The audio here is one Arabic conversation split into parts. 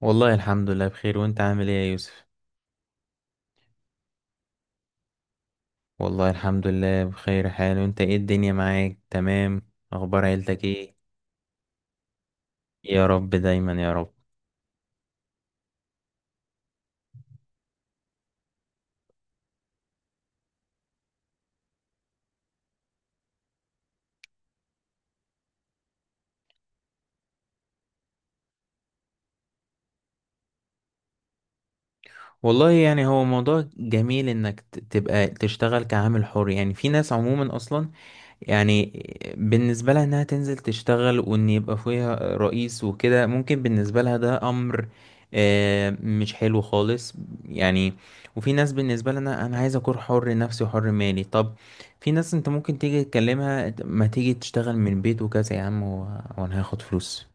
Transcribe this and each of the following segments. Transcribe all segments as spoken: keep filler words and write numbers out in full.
والله الحمد لله بخير، وانت عامل ايه يا يوسف؟ والله الحمد لله بخير حال. وانت ايه الدنيا معاك؟ تمام. اخبار عيلتك ايه؟ يا رب دايما يا رب. والله يعني هو موضوع جميل انك ت- تبقى تشتغل كعامل حر. يعني في ناس عموما اصلا، يعني بالنسبة لها انها تنزل تشتغل وان يبقى فيها رئيس وكده، ممكن بالنسبة لها ده امر آه، مش حلو خالص. يعني، وفي ناس بالنسبة لها انا أنا عايز اكون حر نفسي وحر مالي. طب في ناس انت ممكن تيجي تكلمها: ما تيجي تشتغل من البيت وكذا يا عم، و- وانا هاخد فلوس،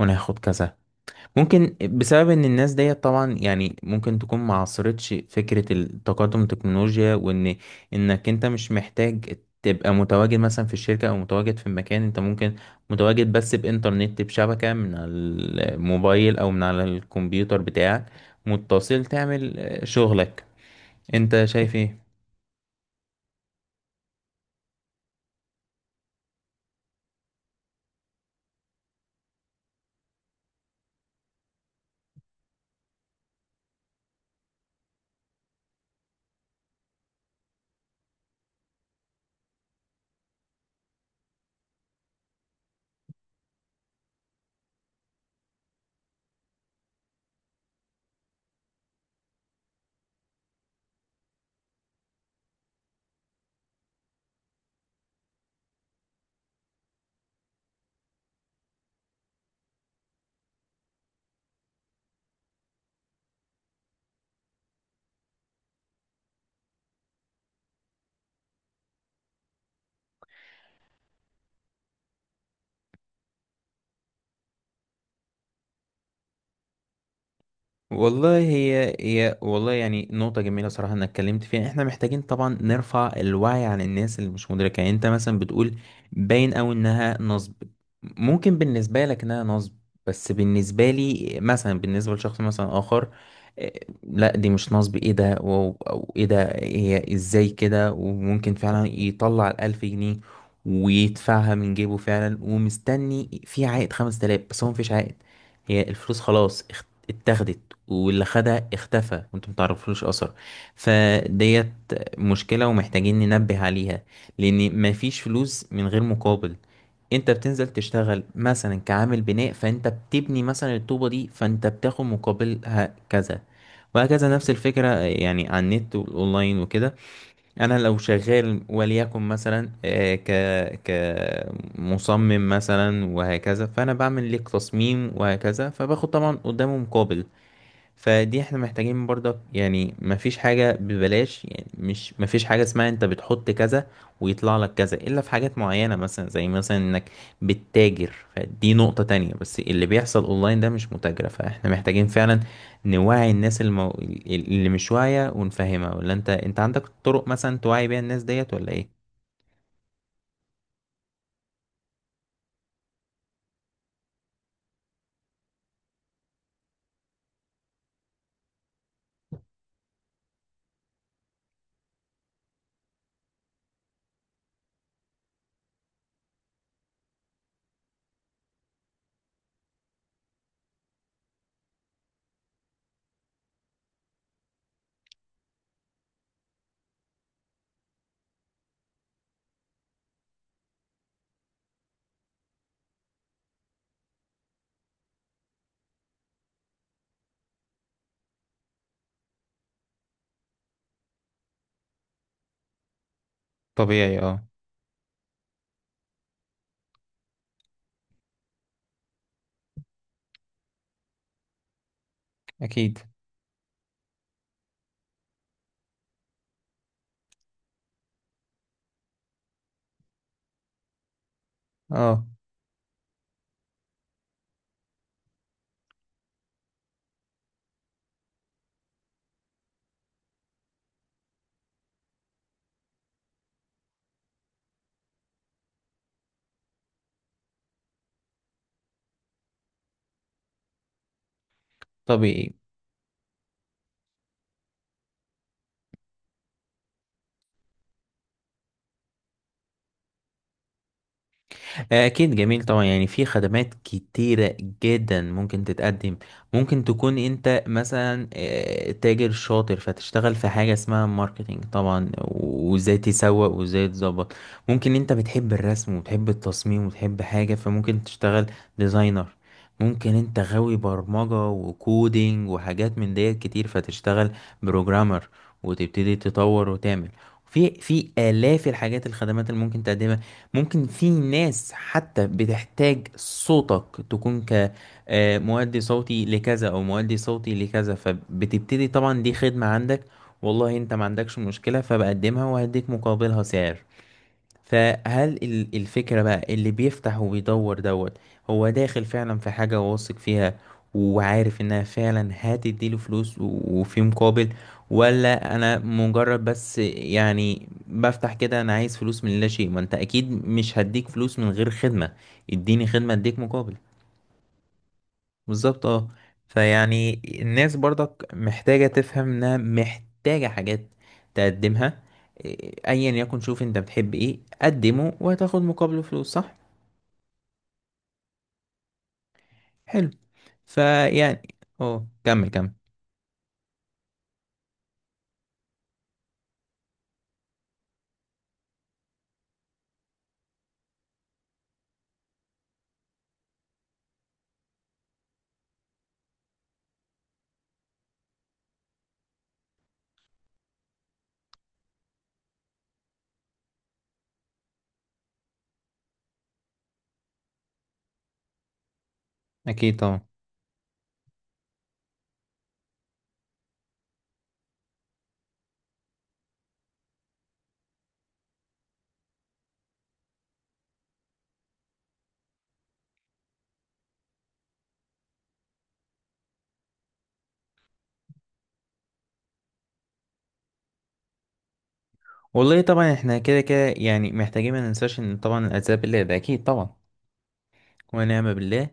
وانا هاخد كذا. ممكن بسبب ان الناس ديت طبعا، يعني ممكن تكون ما عاصرتش فكرة التقدم التكنولوجيا، وان انك انت مش محتاج تبقى متواجد مثلا في الشركة او متواجد في المكان. انت ممكن متواجد بس بانترنت، بشبكة من على الموبايل او من على الكمبيوتر بتاعك، متصل تعمل آه، شغلك. انت شايف إيه؟ والله هي هي والله يعني نقطة جميلة صراحة انك اتكلمت فيها. احنا محتاجين طبعا نرفع الوعي عن الناس اللي مش مدركة. يعني انت مثلا بتقول باين اوي انها نصب. ممكن بالنسبة لك انها نصب، بس بالنسبة لي مثلا، بالنسبة لشخص مثلا اخر، آه، لا دي مش نصب، ايه ده، واو، او ايه ده، هي ازاي كده. وممكن فعلا يطلع الالف جنيه ويدفعها من جيبه فعلا، ومستني في عائد خمسة آلاف، بس هو مفيش عائد. هي الفلوس خلاص اخت- اتاخدت، واللي خدها اختفى، وانتم متعرفلوش اثر. فديت مشكلة، ومحتاجين ننبه عليها. لان مفيش فلوس من غير مقابل. انت بتنزل تشتغل مثلا كعامل بناء، فانت بتبني مثلا الطوبة دي، فانت بتاخد مقابلها كذا، وهكذا. نفس الفكرة يعني على النت والأونلاين وكده. أنا لو شغال وليكن مثلا آه، ك كمصمم مثلا وهكذا، فأنا بعمل لك تصميم وهكذا، فباخد طبعا قدامه مقابل. فدي احنا محتاجين برضك. يعني مفيش حاجة ببلاش. يعني مش مفيش حاجة اسمها انت بتحط كذا ويطلع لك كذا، الا في حاجات معينة مثلا، زي مثلا انك بتتاجر. فدي نقطة تانية، بس اللي بيحصل اونلاين ده مش متاجرة. فاحنا محتاجين فعلا نوعي الناس المو... اللي مش واعية ونفهمها. ولا انت انت عندك طرق مثلا توعي بيها الناس ديت، ولا ايه؟ طبيعي اه. اكيد اه. طبيعي. آه، أكيد جميل طبعا. يعني في خدمات كتيرة جدا ممكن تتقدم. ممكن تكون أنت مثلا آه، تاجر شاطر، فتشتغل في حاجة اسمها ماركتينج طبعا، وإزاي تسوق وإزاي تظبط. ممكن أنت بتحب الرسم وتحب التصميم وتحب حاجة، فممكن تشتغل ديزاينر. ممكن أنت غاوي برمجة وكودينج وحاجات من ديت كتير، فتشتغل بروجرامر وتبتدي تطور وتعمل. في في آلاف الحاجات الخدمات اللي ممكن تقدمها. ممكن في ناس حتى بتحتاج صوتك، تكون كمؤدي صوتي لكذا او مؤدي صوتي لكذا، فبتبتدي طبعا. دي خدمة عندك، والله انت ما عندكش مشكلة، فبقدمها وهديك مقابلها سعر. فهل ال- الفكرة بقى اللي بيفتح وبيدور دوت، هو داخل فعلا في حاجة واثق فيها، وعارف انها فعلا هتديله فلوس و- وفي مقابل، ولا انا مجرد بس يعني بفتح كده، انا عايز فلوس من لا شيء؟ ما انت اكيد مش هديك فلوس من غير خدمة. اديني خدمة اديك مقابل. بالظبط اه. فيعني الناس برضك محتاجة تفهم انها محتاجة حاجات تقدمها. إيه، ايا يكن، شوف انت بتحب ايه، قدمه وهتاخد مقابله فلوس، صح؟ حلو. فيعني اه، كمل كمل. اكيد طبعا. والله طبعا احنا كده كده، يعني محتاجين ما ننساش ان طبعا العذاب الله ده اكيد طبعا. ونعم بالله.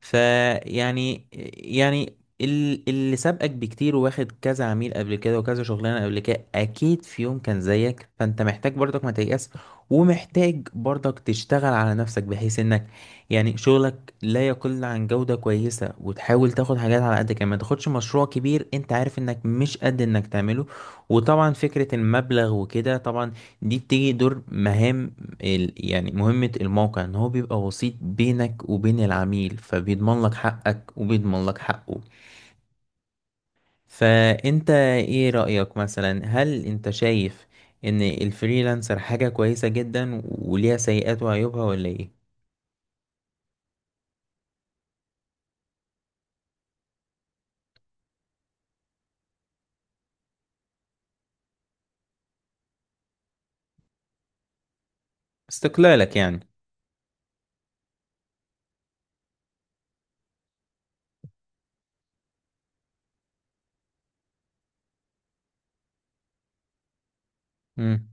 فيعني، يعني يعني ال- اللي سابقك بكتير وواخد كذا عميل قبل كده وكذا شغلانه قبل كده، اكيد في يوم كان زيك. فانت محتاج برضك ما تيأس، ومحتاج برضك تشتغل على نفسك، بحيث انك يعني شغلك لا يقل عن جوده كويسه، وتحاول تاخد حاجات على قدك. يعني ما تاخدش مشروع كبير انت عارف انك مش قد انك تعمله. وطبعا فكره المبلغ وكده طبعا دي بتيجي دور مهام. ال- يعني مهمة الموقع ان هو بيبقى وسيط بينك وبين العميل، فبيضمن لك حقك وبيضمن لك حقه. فانت ايه رأيك مثلا؟ هل انت شايف ان الفريلانسر حاجة كويسة جدا وليها سيئات وعيوبها، ولا ايه؟ استقلالك يعني. مم.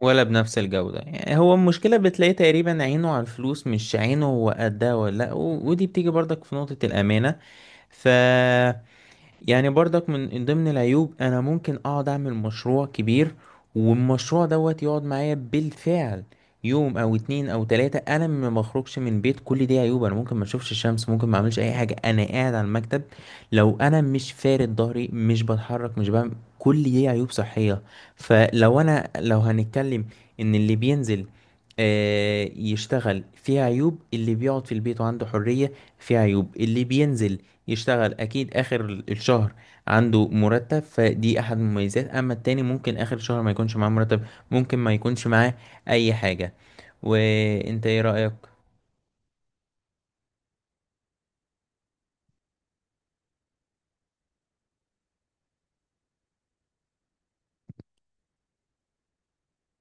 ولا بنفس الجودة. يعني هو المشكلة بتلاقي تقريبا عينه على الفلوس، مش عينه هو قدها ولا لأ، و- ودي بتيجي برضك في نقطة الأمانة. ف، يعني برضك من ضمن العيوب انا ممكن اقعد اعمل مشروع كبير، والمشروع دوت يقعد معايا بالفعل يوم او اتنين او تلاتة، انا ما بخرجش من بيت. كل دي عيوب. انا ممكن ما اشوفش الشمس، ممكن ما اعملش اي حاجة، انا قاعد على المكتب، لو انا مش فارد ظهري، مش بتحرك، مش بعمل. كل دي عيوب صحية. فلو انا، لو هنتكلم ان اللي بينزل آه، يشتغل فيها عيوب، اللي بيقعد في البيت وعنده حرية فيها عيوب. اللي بينزل يشتغل اكيد اخر الشهر عنده مرتب، فدي احد المميزات. اما التاني ممكن اخر الشهر ما يكونش معاه مرتب، ممكن ما يكونش معاه اي حاجة. وانت ايه رأيك؟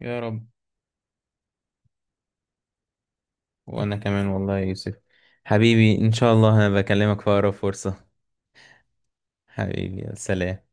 يا رب. وانا كمان والله يا يوسف. حبيبي ان شاء الله انا بكلمك في اقرب فرصة. حبيبي يا سلام.